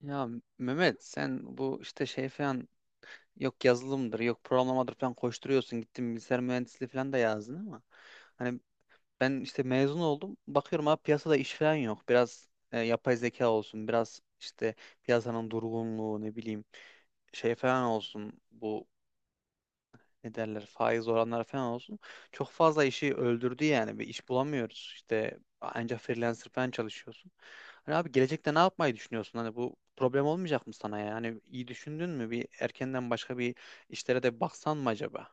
Ya Mehmet sen bu işte şey falan yok yazılımdır yok programlamadır falan koşturuyorsun, gittin bilgisayar mühendisliği falan da yazdın ama hani ben işte mezun oldum, bakıyorum abi piyasada iş falan yok, biraz yapay zeka olsun, biraz işte piyasanın durgunluğu ne bileyim şey falan olsun, bu ne derler faiz oranları falan olsun. Çok fazla işi öldürdü yani. Bir iş bulamıyoruz. İşte ancak freelancer falan çalışıyorsun. Hani abi gelecekte ne yapmayı düşünüyorsun? Hani bu problem olmayacak mı sana ya? Hani iyi düşündün mü? Bir erkenden başka bir işlere de baksan mı acaba?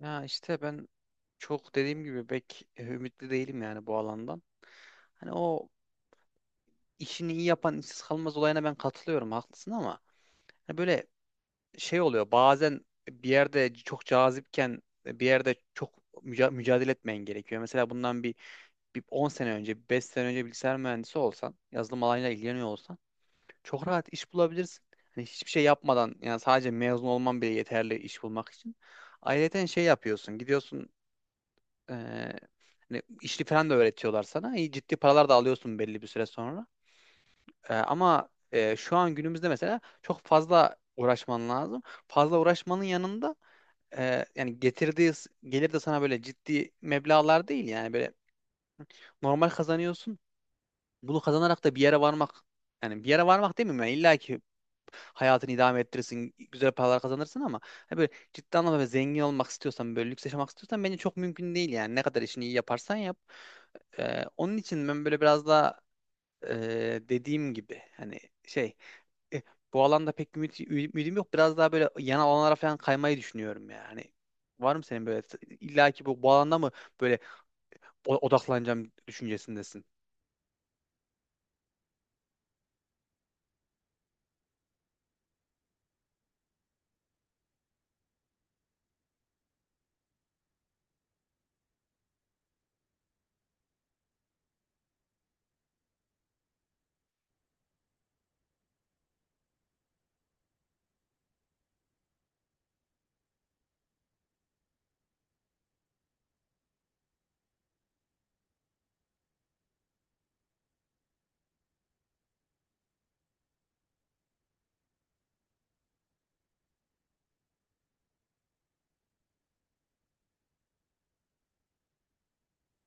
Ya işte ben çok dediğim gibi pek ümitli değilim yani bu alandan. Hani o işini iyi yapan işsiz kalmaz olayına ben katılıyorum, haklısın, ama hani böyle şey oluyor bazen, bir yerde çok cazipken bir yerde çok mücadele etmen gerekiyor. Mesela bundan bir 10 sene önce, 5 sene önce bilgisayar mühendisi olsan, yazılım alanıyla ilgileniyor olsan çok rahat iş bulabilirsin. Hani hiçbir şey yapmadan, yani sadece mezun olman bile yeterli iş bulmak için. Ayrıca şey yapıyorsun, gidiyorsun eee hani işli falan da öğretiyorlar sana. İyi ciddi paralar da alıyorsun belli bir süre sonra. Ama şu an günümüzde mesela çok fazla uğraşman lazım. Fazla uğraşmanın yanında yani getirdiği gelir de sana böyle ciddi meblağlar değil, yani böyle normal kazanıyorsun. Bunu kazanarak da bir yere varmak, yani bir yere varmak demeyeyim, yani illa ki hayatını idame ettirirsin, güzel paralar kazanırsın, ama hani böyle ciddi anlamda böyle zengin olmak istiyorsan, böyle lüks yaşamak istiyorsan bence çok mümkün değil yani. Ne kadar işini iyi yaparsan yap. Onun için ben böyle biraz daha dediğim gibi hani şey e, bu alanda pek ümidim yok. Biraz daha böyle yan alanlara falan kaymayı düşünüyorum yani. Var mı senin böyle illa ki bu alanda mı böyle odaklanacağım düşüncesindesin?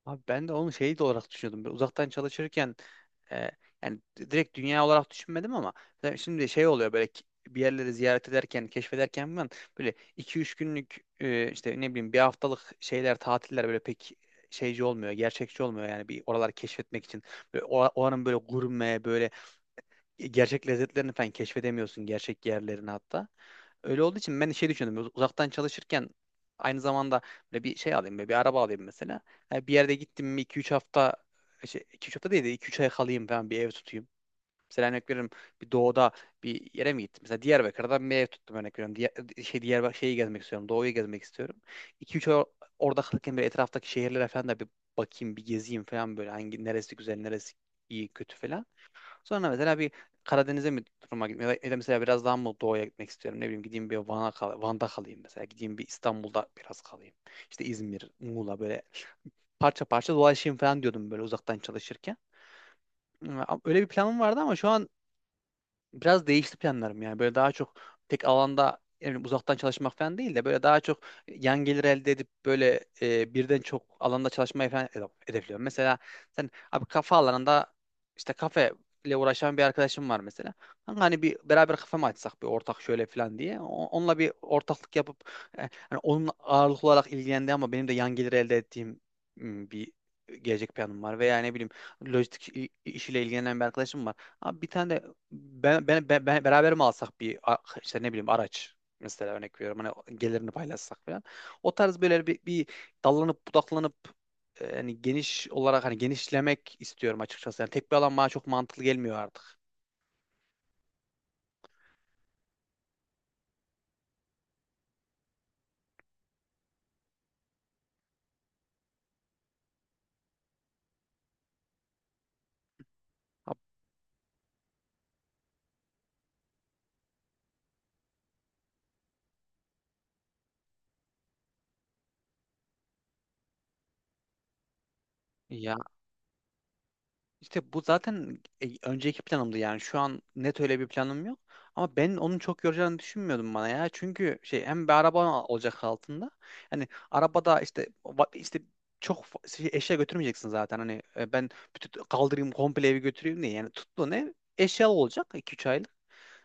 Abi ben de onu şey de olarak düşünüyordum. Böyle uzaktan çalışırken e, yani direkt dünya olarak düşünmedim, ama mesela şimdi şey oluyor böyle bir yerleri ziyaret ederken, keşfederken falan böyle iki üç günlük işte ne bileyim bir haftalık şeyler, tatiller böyle pek şeyci olmuyor, gerçekçi olmuyor yani bir oraları keşfetmek için. Böyle oranın böyle gurme, böyle gerçek lezzetlerini falan keşfedemiyorsun, gerçek yerlerini hatta. Öyle olduğu için ben şey düşündüm. Uzaktan çalışırken aynı zamanda böyle bir şey alayım, böyle bir araba alayım mesela. Yani bir yerde gittim mi 2-3 hafta 2-3 hafta değil de iki üç ay kalayım falan, bir ev tutayım. Mesela örnek veriyorum, bir doğuda bir yere mi gittim? Mesela Diyarbakır'da bir ev tuttum, örnek veriyorum. Diğer, şey Diyarbakır şeyi gezmek istiyorum. Doğuyu gezmek istiyorum. İki üç ay orada kalırken böyle etraftaki şehirlere falan da bir bakayım, bir gezeyim falan, böyle hangi neresi güzel, neresi iyi, kötü falan. Sonra mesela bir Karadeniz'e mi duruma gitmek, ya da ya da mesela biraz daha mı doğuya gitmek istiyorum, ne bileyim, gideyim bir Van'a kal Van'da kalayım mesela, gideyim bir İstanbul'da biraz kalayım, işte İzmir, Muğla, böyle parça parça dolaşayım falan diyordum böyle uzaktan çalışırken. Ama öyle bir planım vardı, ama şu an biraz değişti planlarım yani. Böyle daha çok tek alanda yani uzaktan çalışmak falan değil de böyle daha çok yan gelir elde edip böyle birden çok alanda çalışmayı falan hedefliyorum. Mesela sen abi kafe alanında işte kafe ile uğraşan bir arkadaşım var mesela. Kanka hani bir beraber kafe mi açsak bir ortak şöyle falan diye. Onunla bir ortaklık yapıp e, hani onun ağırlıklı olarak ilgilendi ama benim de yan gelir elde ettiğim bir gelecek planım var, veya ne bileyim lojistik işiyle ilgilenen bir arkadaşım var. Abi bir tane de beraber mi alsak işte ne bileyim araç mesela, örnek veriyorum hani gelirini paylaşsak falan. O tarz böyle bir dallanıp budaklanıp hani geniş olarak hani genişlemek istiyorum açıkçası. Yani tek bir alan bana çok mantıklı gelmiyor artık. Ha, ya İşte bu zaten önceki planımdı yani, şu an net öyle bir planım yok. Ama ben onun çok yoracağını düşünmüyordum bana ya. Çünkü şey hem bir araba olacak altında. Hani arabada işte işte eşya götürmeyeceksin zaten. Hani ben bütün kaldırayım komple evi götüreyim diye. Yani tuttuğun ev eşyalı olacak iki 3 aylık.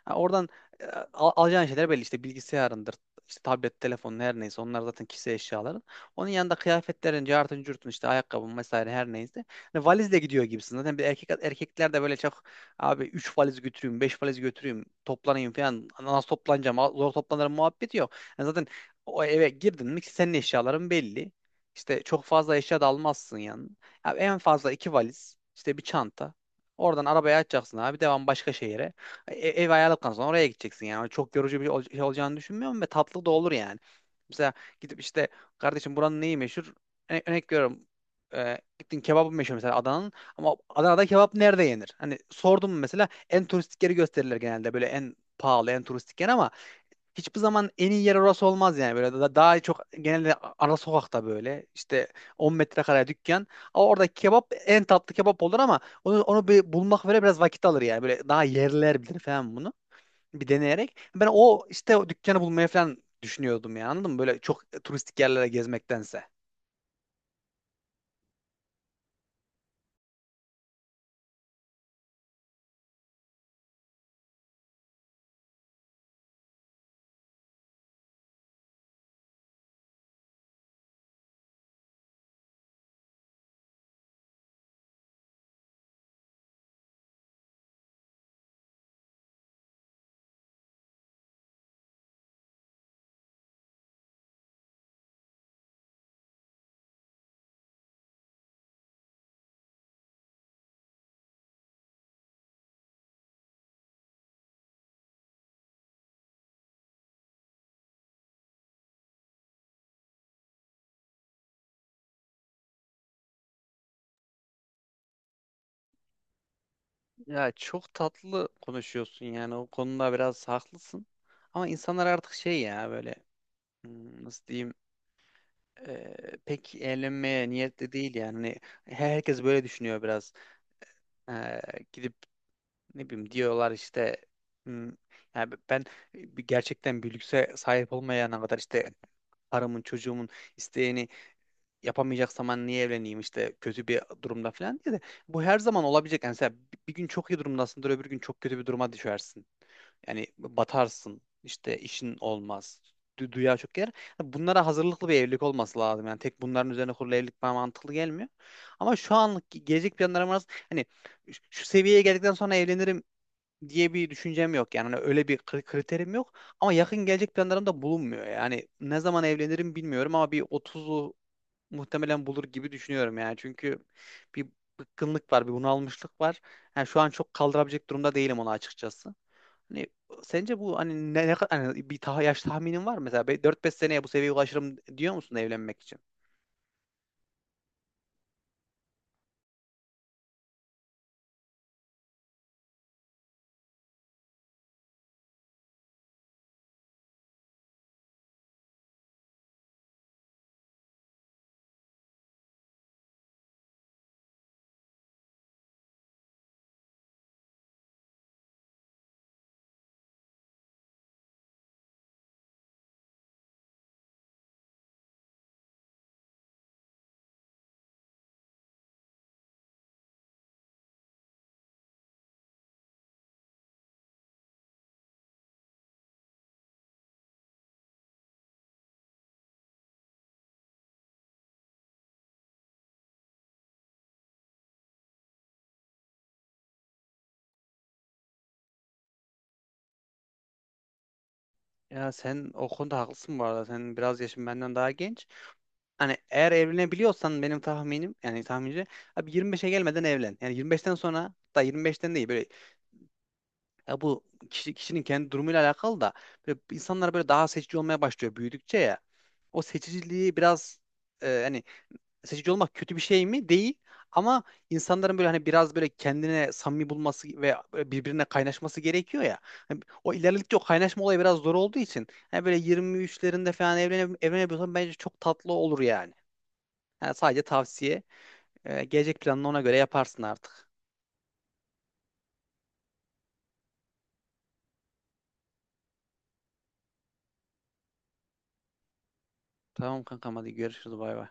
Ha, oradan e, alacağın şeyler belli, işte bilgisayarındır, işte tablet, telefonun, her neyse onlar zaten kişisel eşyaların. Onun yanında kıyafetlerin, cartın, curtun, işte ayakkabın vesaire, her neyse. Hani valizle gidiyor gibisin. Zaten bir erkek, erkekler de böyle çok abi 3 valiz götüreyim, 5 valiz götüreyim, toplanayım falan, nasıl toplanacağım, zor toplanırım muhabbeti yok. Yani zaten o eve girdin mi senin eşyaların belli. İşte çok fazla eşya da almazsın yani. Abi en fazla iki valiz, işte bir çanta. Oradan arabaya açacaksın abi. Devam başka şehire. Ev ayarladıktan sonra oraya gideceksin yani. Çok yorucu bir şey olacağını düşünmüyorum, ve tatlı da olur yani. Mesela gidip işte kardeşim buranın neyi meşhur? Örnek veriyorum. Gittin kebabı meşhur mesela Adana'nın, ama Adana'da kebap nerede yenir? Hani sordum mesela, en turistik yeri gösterirler genelde, böyle en pahalı en turistik yer, ama hiçbir zaman en iyi yer orası olmaz yani, böyle daha çok genelde ara sokakta böyle işte 10 metrekare dükkan, ama orada kebap en tatlı kebap olur, ama onu bir bulmak böyle biraz vakit alır yani, böyle daha yerliler bilir falan bunu, bir deneyerek ben o işte o dükkanı bulmaya falan düşünüyordum yani, anladın mı, böyle çok turistik yerlere gezmektense. Ya çok tatlı konuşuyorsun yani, o konuda biraz haklısın. Ama insanlar artık şey ya böyle, hmm, nasıl diyeyim, e, pek eğlenmeye niyetli değil yani. Hani herkes böyle düşünüyor biraz. E, gidip ne bileyim diyorlar işte, hmm, yani ben gerçekten bir lükse sahip olmayana kadar işte karımın çocuğumun isteğini yapamayacaksam ben niye evleneyim işte, kötü bir durumda falan diye de, bu her zaman olabilecek. Yani mesela bir gün çok iyi durumdasındır, öbür gün çok kötü bir duruma düşersin. Yani batarsın işte işin olmaz. Du dünya çok yer. Bunlara hazırlıklı bir evlilik olması lazım. Yani tek bunların üzerine kurulu evlilik bana mantıklı gelmiyor. Ama şu anlık gelecek planlarım arasında hani şu seviyeye geldikten sonra evlenirim diye bir düşüncem yok. Yani hani öyle bir kriterim yok. Ama yakın gelecek planlarım da bulunmuyor. Yani ne zaman evlenirim bilmiyorum, ama bir 30'lu muhtemelen bulur gibi düşünüyorum yani. Çünkü bir bıkkınlık var, bir bunalmışlık var. Yani şu an çok kaldırabilecek durumda değilim onu, açıkçası. Hani sence bu hani ne kadar hani bir ta yaş tahminin var mı? Mesela 4-5 seneye bu seviyeye ulaşırım diyor musun evlenmek için? Ya sen o konuda haklısın bu arada. Sen biraz yaşın benden daha genç. Hani eğer evlenebiliyorsan benim tahminim, yani tahmince, abi 25'e gelmeden evlen. Yani 25'ten sonra da 25'ten değil, böyle ya bu kişinin kendi durumuyla alakalı da, böyle insanlar böyle daha seçici olmaya başlıyor büyüdükçe ya. O seçiciliği biraz hani seçici olmak kötü bir şey mi? Değil. Ama insanların böyle hani biraz böyle kendine samimi bulması ve böyle birbirine kaynaşması gerekiyor ya. Hani o ilerledikçe o kaynaşma olayı biraz zor olduğu için hani böyle 23'lerinde falan evlenebiliyorsan bence çok tatlı olur yani. Yani sadece tavsiye. E, gelecek planını ona göre yaparsın artık. Tamam kankam, hadi görüşürüz, bay bay.